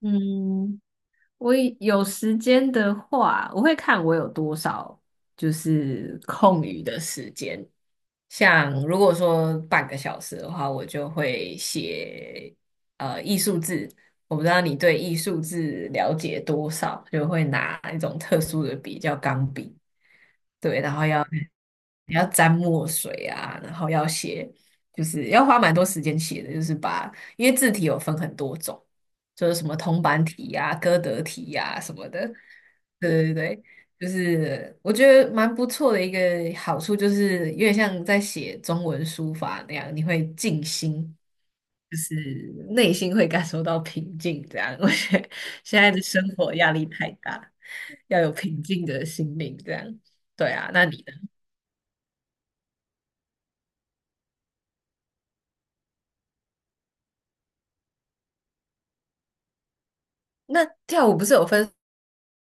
嗯，我以有时间的话，我会看我有多少就是空余的时间。像如果说30分钟的话，我就会写艺术字。我不知道你对艺术字了解多少，就会拿一种特殊的笔叫钢笔，你要沾墨水啊，然后要写，就是要花蛮多时间写的，就是把，因为字体有分很多种，就是什么铜板体呀、歌德体呀、什么的。对对对，就是我觉得蛮不错的一个好处，就是有点像在写中文书法那样，你会静心，就是内心会感受到平静。这样，我觉得现在的生活压力太大，要有平静的心灵。这样，对啊，那你呢？那跳舞不是有分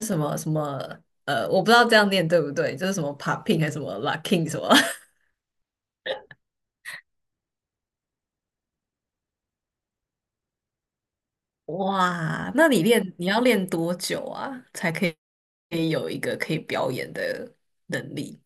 什么,我不知道这样念对不对，就是什么 popping 还是什么 locking 什么？哇，那你练你要练多久啊，才可以有一个可以表演的能力？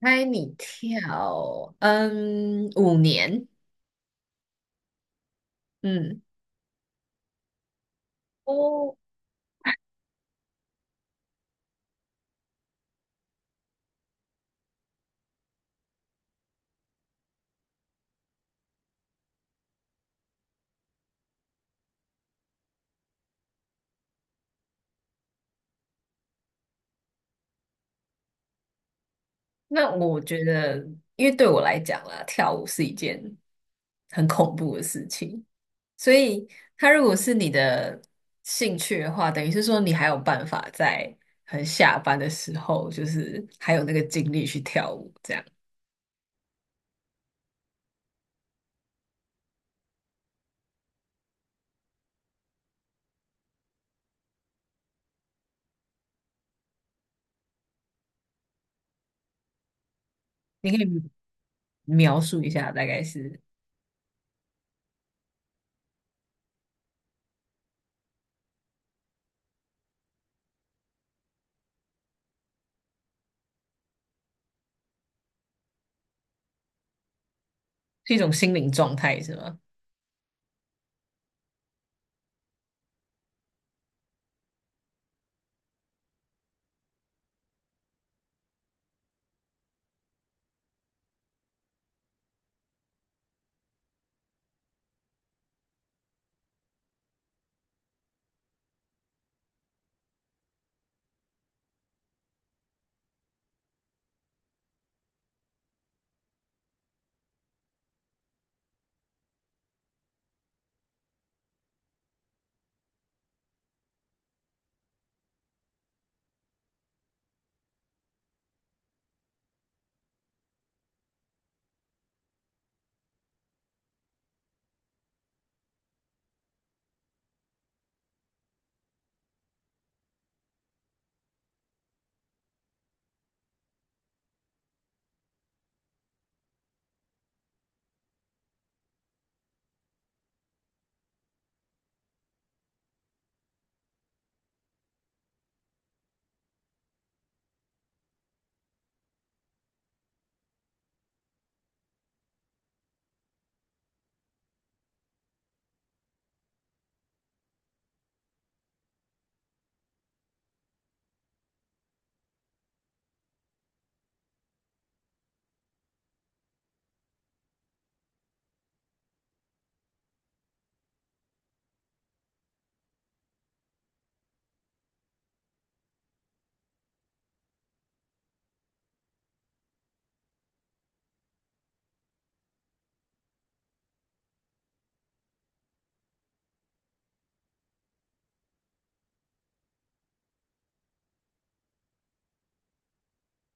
猜你跳，嗯，5年，嗯，哦，那我觉得，因为对我来讲啦，跳舞是一件很恐怖的事情，所以他如果是你的兴趣的话，等于是说你还有办法在很下班的时候，就是还有那个精力去跳舞，这样。你可以描述一下，大概是是一种心灵状态，是吗？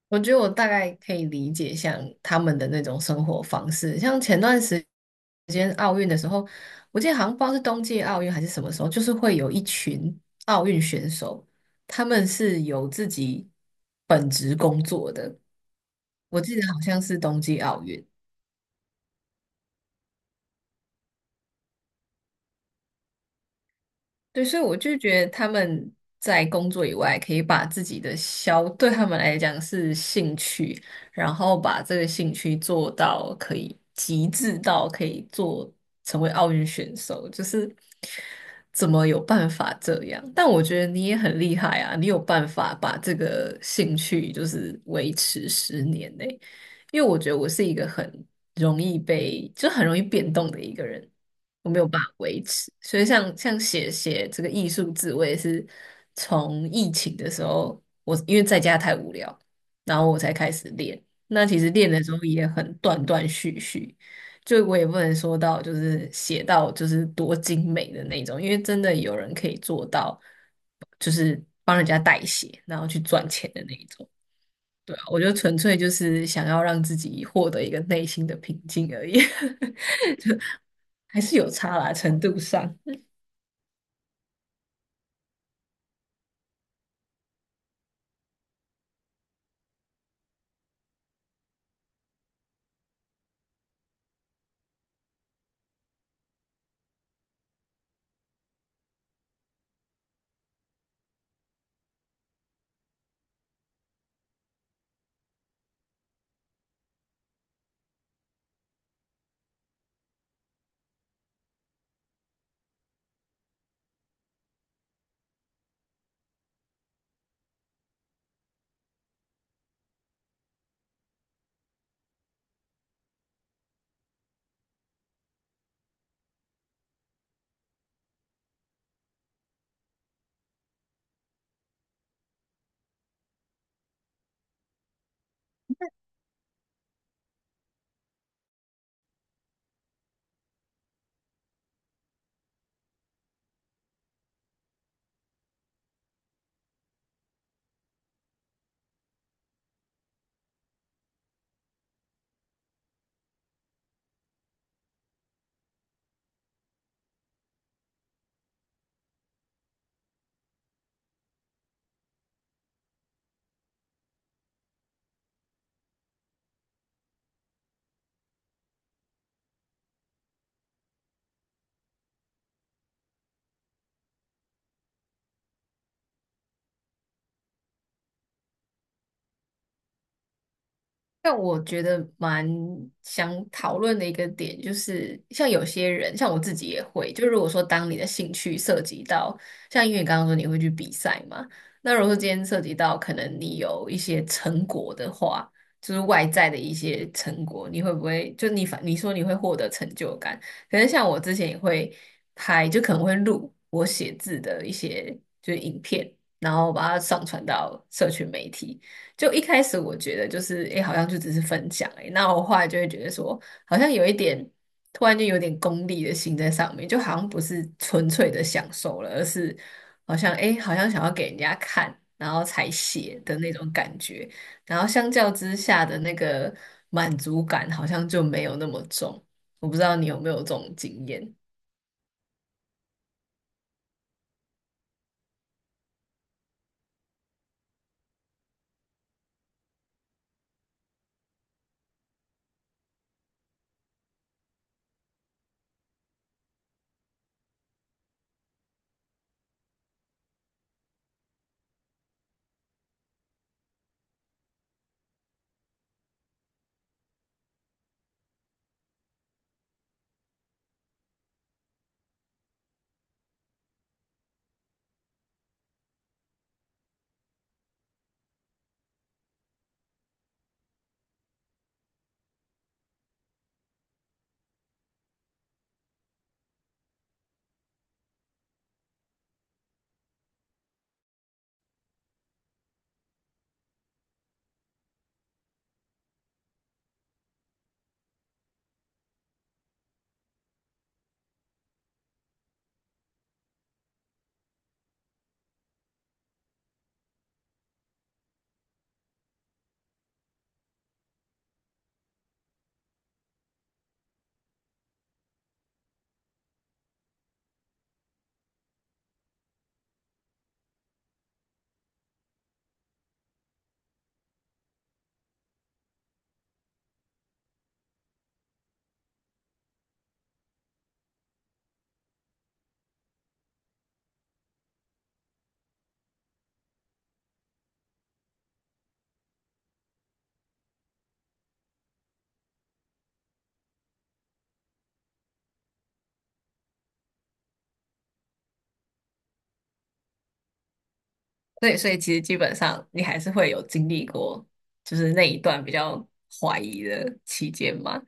我觉得我大概可以理解像他们的那种生活方式，像前段时间奥运的时候，我记得好像不知道是冬季奥运还是什么时候，就是会有一群奥运选手，他们是有自己本职工作的，我记得好像是冬季奥运，对，所以我就觉得他们在工作以外，可以把自己的消，对他们来讲是兴趣，然后把这个兴趣做到可以极致到可以做成为奥运选手，就是怎么有办法这样？但我觉得你也很厉害啊，你有办法把这个兴趣就是维持10年呢、因为我觉得我是一个很容易被，就很容易变动的一个人。我没有办法维持。所以像写这个艺术字，我也是从疫情的时候，我因为在家太无聊，然后我才开始练。那其实练的时候也很断断续续，就我也不能说到就是写到就是多精美的那种，因为真的有人可以做到，就是帮人家代写，然后去赚钱的那一种。对啊，我就纯粹就是想要让自己获得一个内心的平静而已，还是有差啦，程度上。但我觉得蛮想讨论的一个点，就是像有些人，像我自己也会，就如果说当你的兴趣涉及到，像因为你刚刚说你会去比赛嘛，那如果说今天涉及到可能你有一些成果的话，就是外在的一些成果，你会不会就你说你会获得成就感？可能像我之前也会拍，就可能会录我写字的一些就是影片，然后把它上传到社群媒体。就一开始我觉得就是，诶，好像就只是分享、诶，那我后来就会觉得说，好像有一点，突然就有点功利的心在上面，就好像不是纯粹的享受了，而是好像，诶，好像想要给人家看，然后才写的那种感觉，然后相较之下的那个满足感好像就没有那么重，我不知道你有没有这种经验，对，所以其实基本上你还是会有经历过，就是那一段比较怀疑的期间嘛。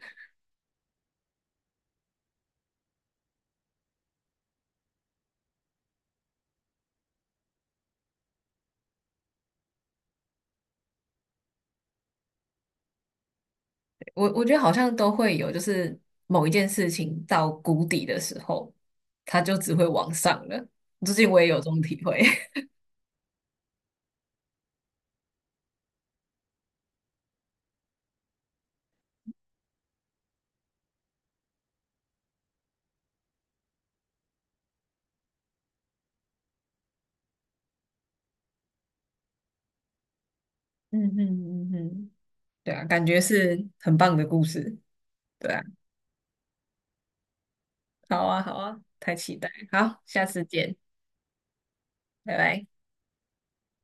我觉得好像都会有，就是某一件事情到谷底的时候，它就只会往上了。最近我也有这种体会。嗯嗯嗯嗯，对啊，感觉是很棒的故事。对啊，好啊好啊，太期待了好，下次见，拜拜。